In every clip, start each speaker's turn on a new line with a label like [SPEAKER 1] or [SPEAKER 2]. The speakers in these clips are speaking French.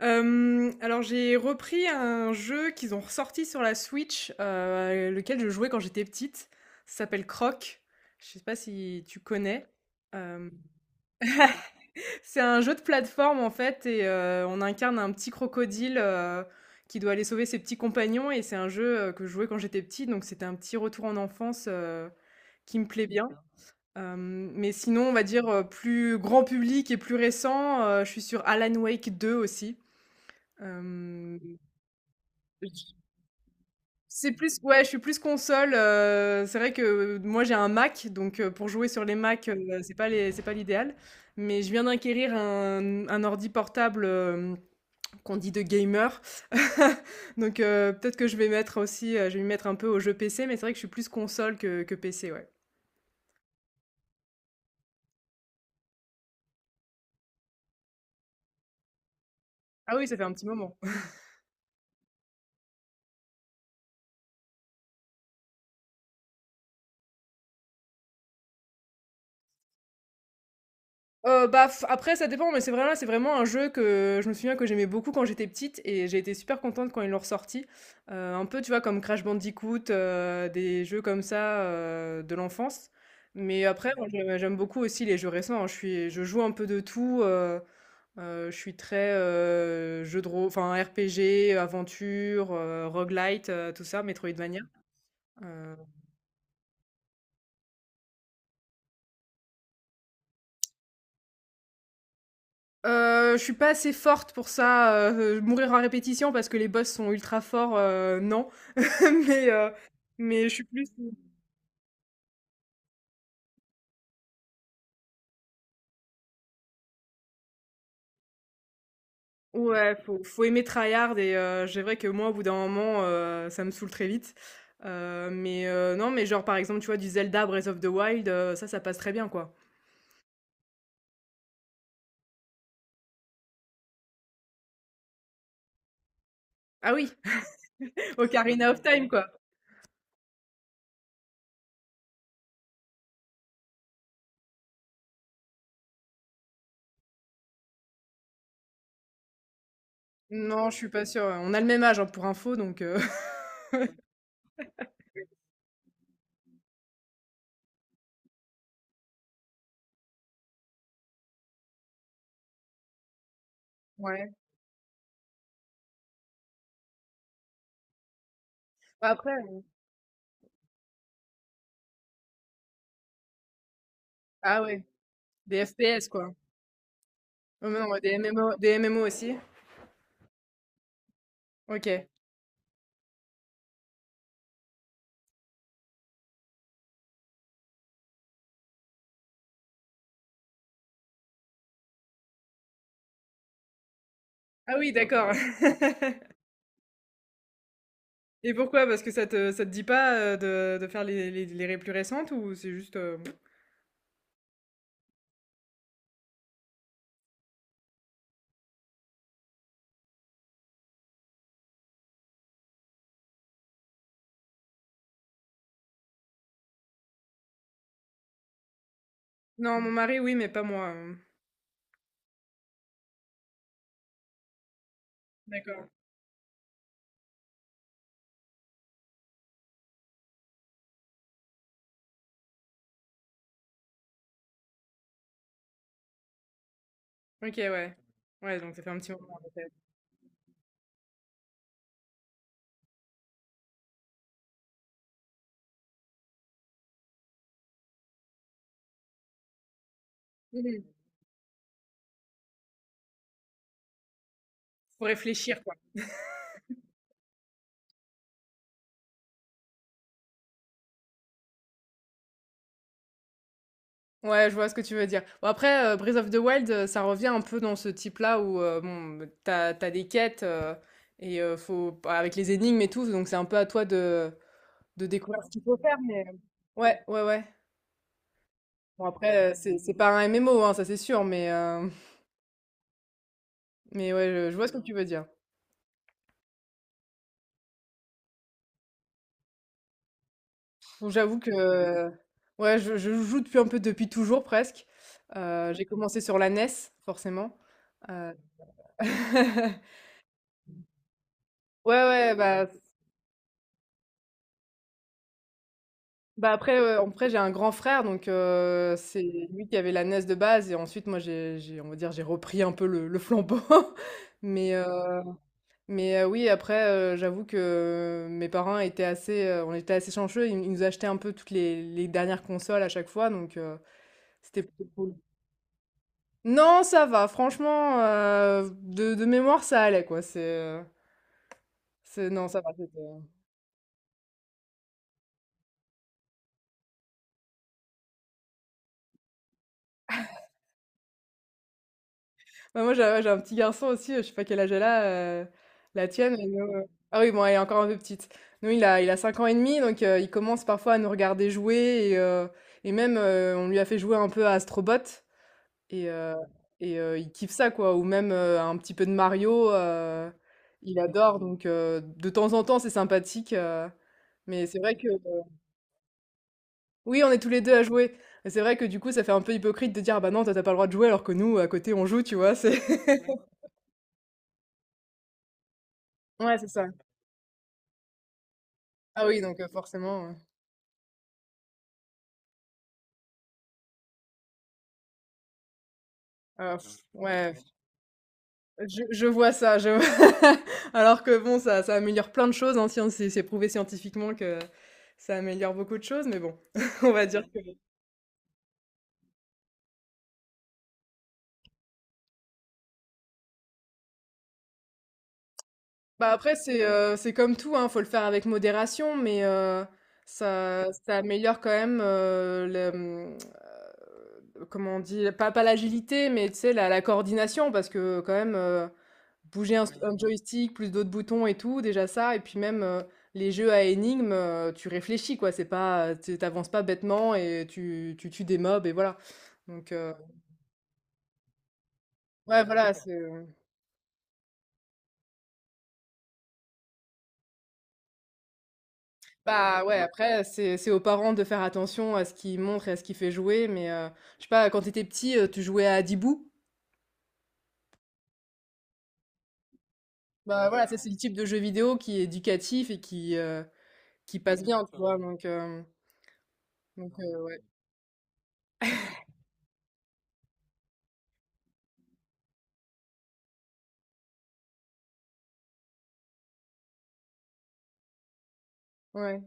[SPEAKER 1] Alors j'ai repris un jeu qu'ils ont ressorti sur la Switch, lequel je jouais quand j'étais petite. Ça s'appelle Croc. Je sais pas si tu connais? Hem, c'est un jeu de plateforme en fait et on incarne un petit crocodile, qui doit aller sauver ses petits compagnons et c'est un jeu, que je jouais quand j'étais petite, donc c'était un petit retour en enfance, qui me plaît bien. D'accord. Mais sinon, on va dire, plus grand public et plus récent, je suis sur Alan Wake 2 aussi. Hem C'est plus ouais, je suis plus console, c'est vrai que moi j'ai un Mac, donc pour jouer sur les Mac c'est pas l'idéal. Mais je viens d'acquérir un ordi portable, qu'on dit de gamer. Donc peut-être que je vais mettre aussi, je vais m'y mettre un peu aux jeux PC, mais c'est vrai que je suis plus console que PC, ouais. Ah oui, ça fait un petit moment. Bah, f après ça dépend, mais c'est vraiment un jeu que je me souviens que j'aimais beaucoup quand j'étais petite et j'ai été super contente quand ils l'ont ressorti. Un peu, tu vois, comme Crash Bandicoot, des jeux comme ça, de l'enfance. Mais après, moi, je j'aime beaucoup aussi les jeux récents, hein. Je joue un peu de tout, je suis très, jeu de rô enfin RPG, aventure, roguelite, tout ça, Metroidvania. Heu je suis pas assez forte pour ça, mourir à répétition parce que les boss sont ultra forts, non. Mais, heu, mais je suis plus ouais, faut aimer tryhard et c'est vrai que moi, au bout d'un moment, ça me saoule très vite. Mais, non, mais genre, par exemple, tu vois, du Zelda Breath of the Wild, ça, ça passe très bien, quoi. Ah oui, Ocarina of Time, quoi. Non, je suis pas sûre, ouais. On a le même âge, hein, pour info, donc, ouais. Bah, après ah ouais, des FPS, quoi. Oh mais non, ouais, des MMO aussi? OK. Ah oui, d'accord. Et pourquoi? Parce que ça te dit pas, de faire les ré plus récentes ou c'est juste, non, mon mari, oui, mais pas moi. D'accord. OK, ouais. Ouais, donc ça fait un petit moment, en effet. Mmh. Faut réfléchir, quoi. Ouais, je vois ce que tu veux dire. Bon après, Breath of the Wild, ça revient un peu dans ce type-là où, bon, bah, t'as des quêtes, et faut bah, avec les énigmes et tout, donc c'est un peu à toi de ouais, découvrir ce qu'il faut faire, mais ouais, ouais, ouais. Bon après, c'est pas un MMO, hein, ça c'est sûr, mais mais ouais, je vois ce que tu veux dire. Bon, j'avoue que ouais, je joue depuis un peu depuis toujours presque. J'ai commencé sur la NES forcément, heu ouais, ouais, après j'ai un grand frère donc c'est lui qui avait la NES de base et ensuite moi j'ai on va dire j'ai repris un peu le flambeau. mais heu, mais oui après, j'avoue que mes parents étaient assez, on était assez chanceux, ils nous achetaient un peu toutes les dernières consoles à chaque fois donc c'était plutôt cool. Non, ça va, franchement, de mémoire, ça allait quoi, c'est non, ça va, c'était. Bah, moi, j'ai ouais, j'ai un petit garçon aussi, je sais pas quel âge elle a, la tienne, elle a ah oui, bon, elle est encore un peu petite. Nous, il a 5 ans et demi, donc il commence parfois à nous regarder jouer et même, on lui a fait jouer un peu à Astrobot et heu il kiffe ça quoi ou même, un petit peu de Mario, il adore donc de temps en temps, c'est sympathique, mais c'est vrai que Oui, on est tous les 2 à jouer. Et c'est vrai que du coup, ça fait un peu hypocrite de dire: «Ah bah non, toi, t'as pas le droit de jouer», alors que nous, à côté, on joue, tu vois? C'est ouais, c'est ça. Ah oui, donc forcément, alors pff, ouais, je vois ça, je alors que bon, ça améliore plein de choses, hein, scien c'est prouvé scientifiquement que ça améliore beaucoup de choses, mais bon, on va dire que bah, après, c'est comme tout, hein, faut le faire avec modération, mais ça améliore quand même, le, mmh comment on dit? Pas l'agilité, mais tu sais, la coordination parce que quand même, bouger un Oui. un joystick, plus d'autres boutons et tout, déjà ça et puis même, les jeux à énigmes, tu réfléchis quoi, c'est pas, tu tu pas bêtement et tu tues des mobs et voilà. Donc, ouais, voilà, c'est, bah, ouais, après c'est aux parents de faire attention à ce qu'ils montrent et à ce qu'ils fait jouer mais, je sais pas, quand t'étais petit, tu jouais à dibou. Bah, voilà, ça c'est le type de jeu vidéo qui est éducatif et qui passe bien, tu vois? Donc, ouais. Ouais.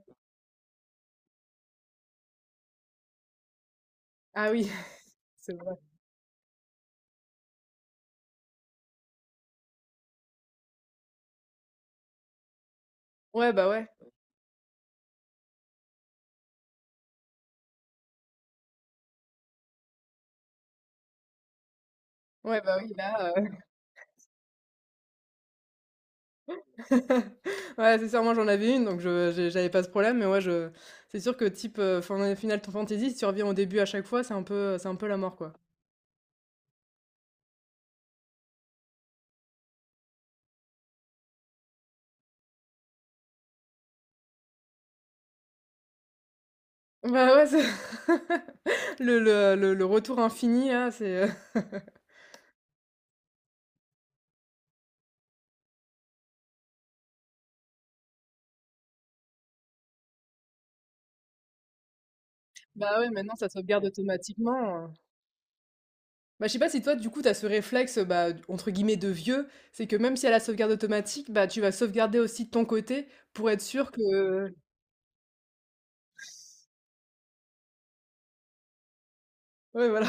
[SPEAKER 1] Ah oui, c'est vrai. Ouais, bah ouais. Ouais, bah oui, là. Ouais, c'est sûr, moi j'en avais une, donc j'avais pas ce problème, mais ouais, je... C'est sûr que type Final Fantasy, si tu reviens au début à chaque fois, c'est un peu la mort, quoi. Bah ouais, le retour infini, là, c'est. Bah ouais, maintenant ça sauvegarde automatiquement. Bah je sais pas si toi du coup t'as ce réflexe bah entre guillemets de vieux, c'est que même si elle a la sauvegarde automatique, bah tu vas sauvegarder aussi de ton côté pour être sûr que ouais voilà.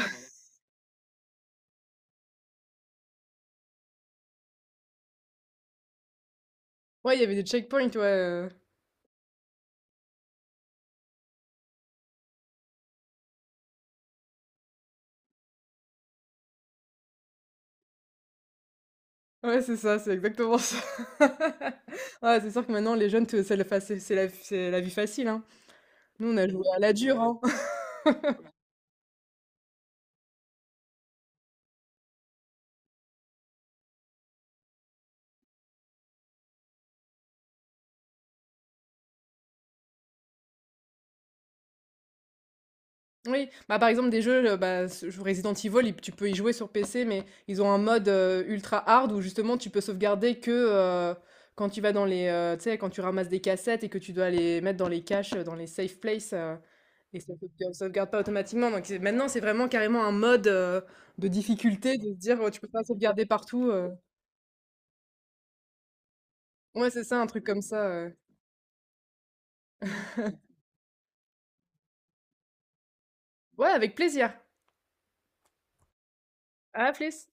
[SPEAKER 1] Ouais, il y avait des checkpoints, ouais, ouais, c'est ça, c'est exactement ça. Ouais, c'est sûr que maintenant les jeunes te c'est la fa c'est la vie facile, hein. Nous, on a joué à la dure, hein. Oui, bah, par exemple des jeux, bah, ce je Resident Evil, il tu peux y jouer sur PC, mais ils ont un mode, ultra hard où justement tu peux sauvegarder que, heu, quand tu vas dans tu sais, quand tu ramasses des cassettes et que tu dois les mettre dans les caches, dans les safe places. Et ça sauvegarde pas automatiquement, donc c'est maintenant, c'est vraiment carrément un mode, de difficulté de se dire, tu peux pas sauvegarder partout, ouais, c'est ça, un truc comme ça, Ouais, avec plaisir. À la plus.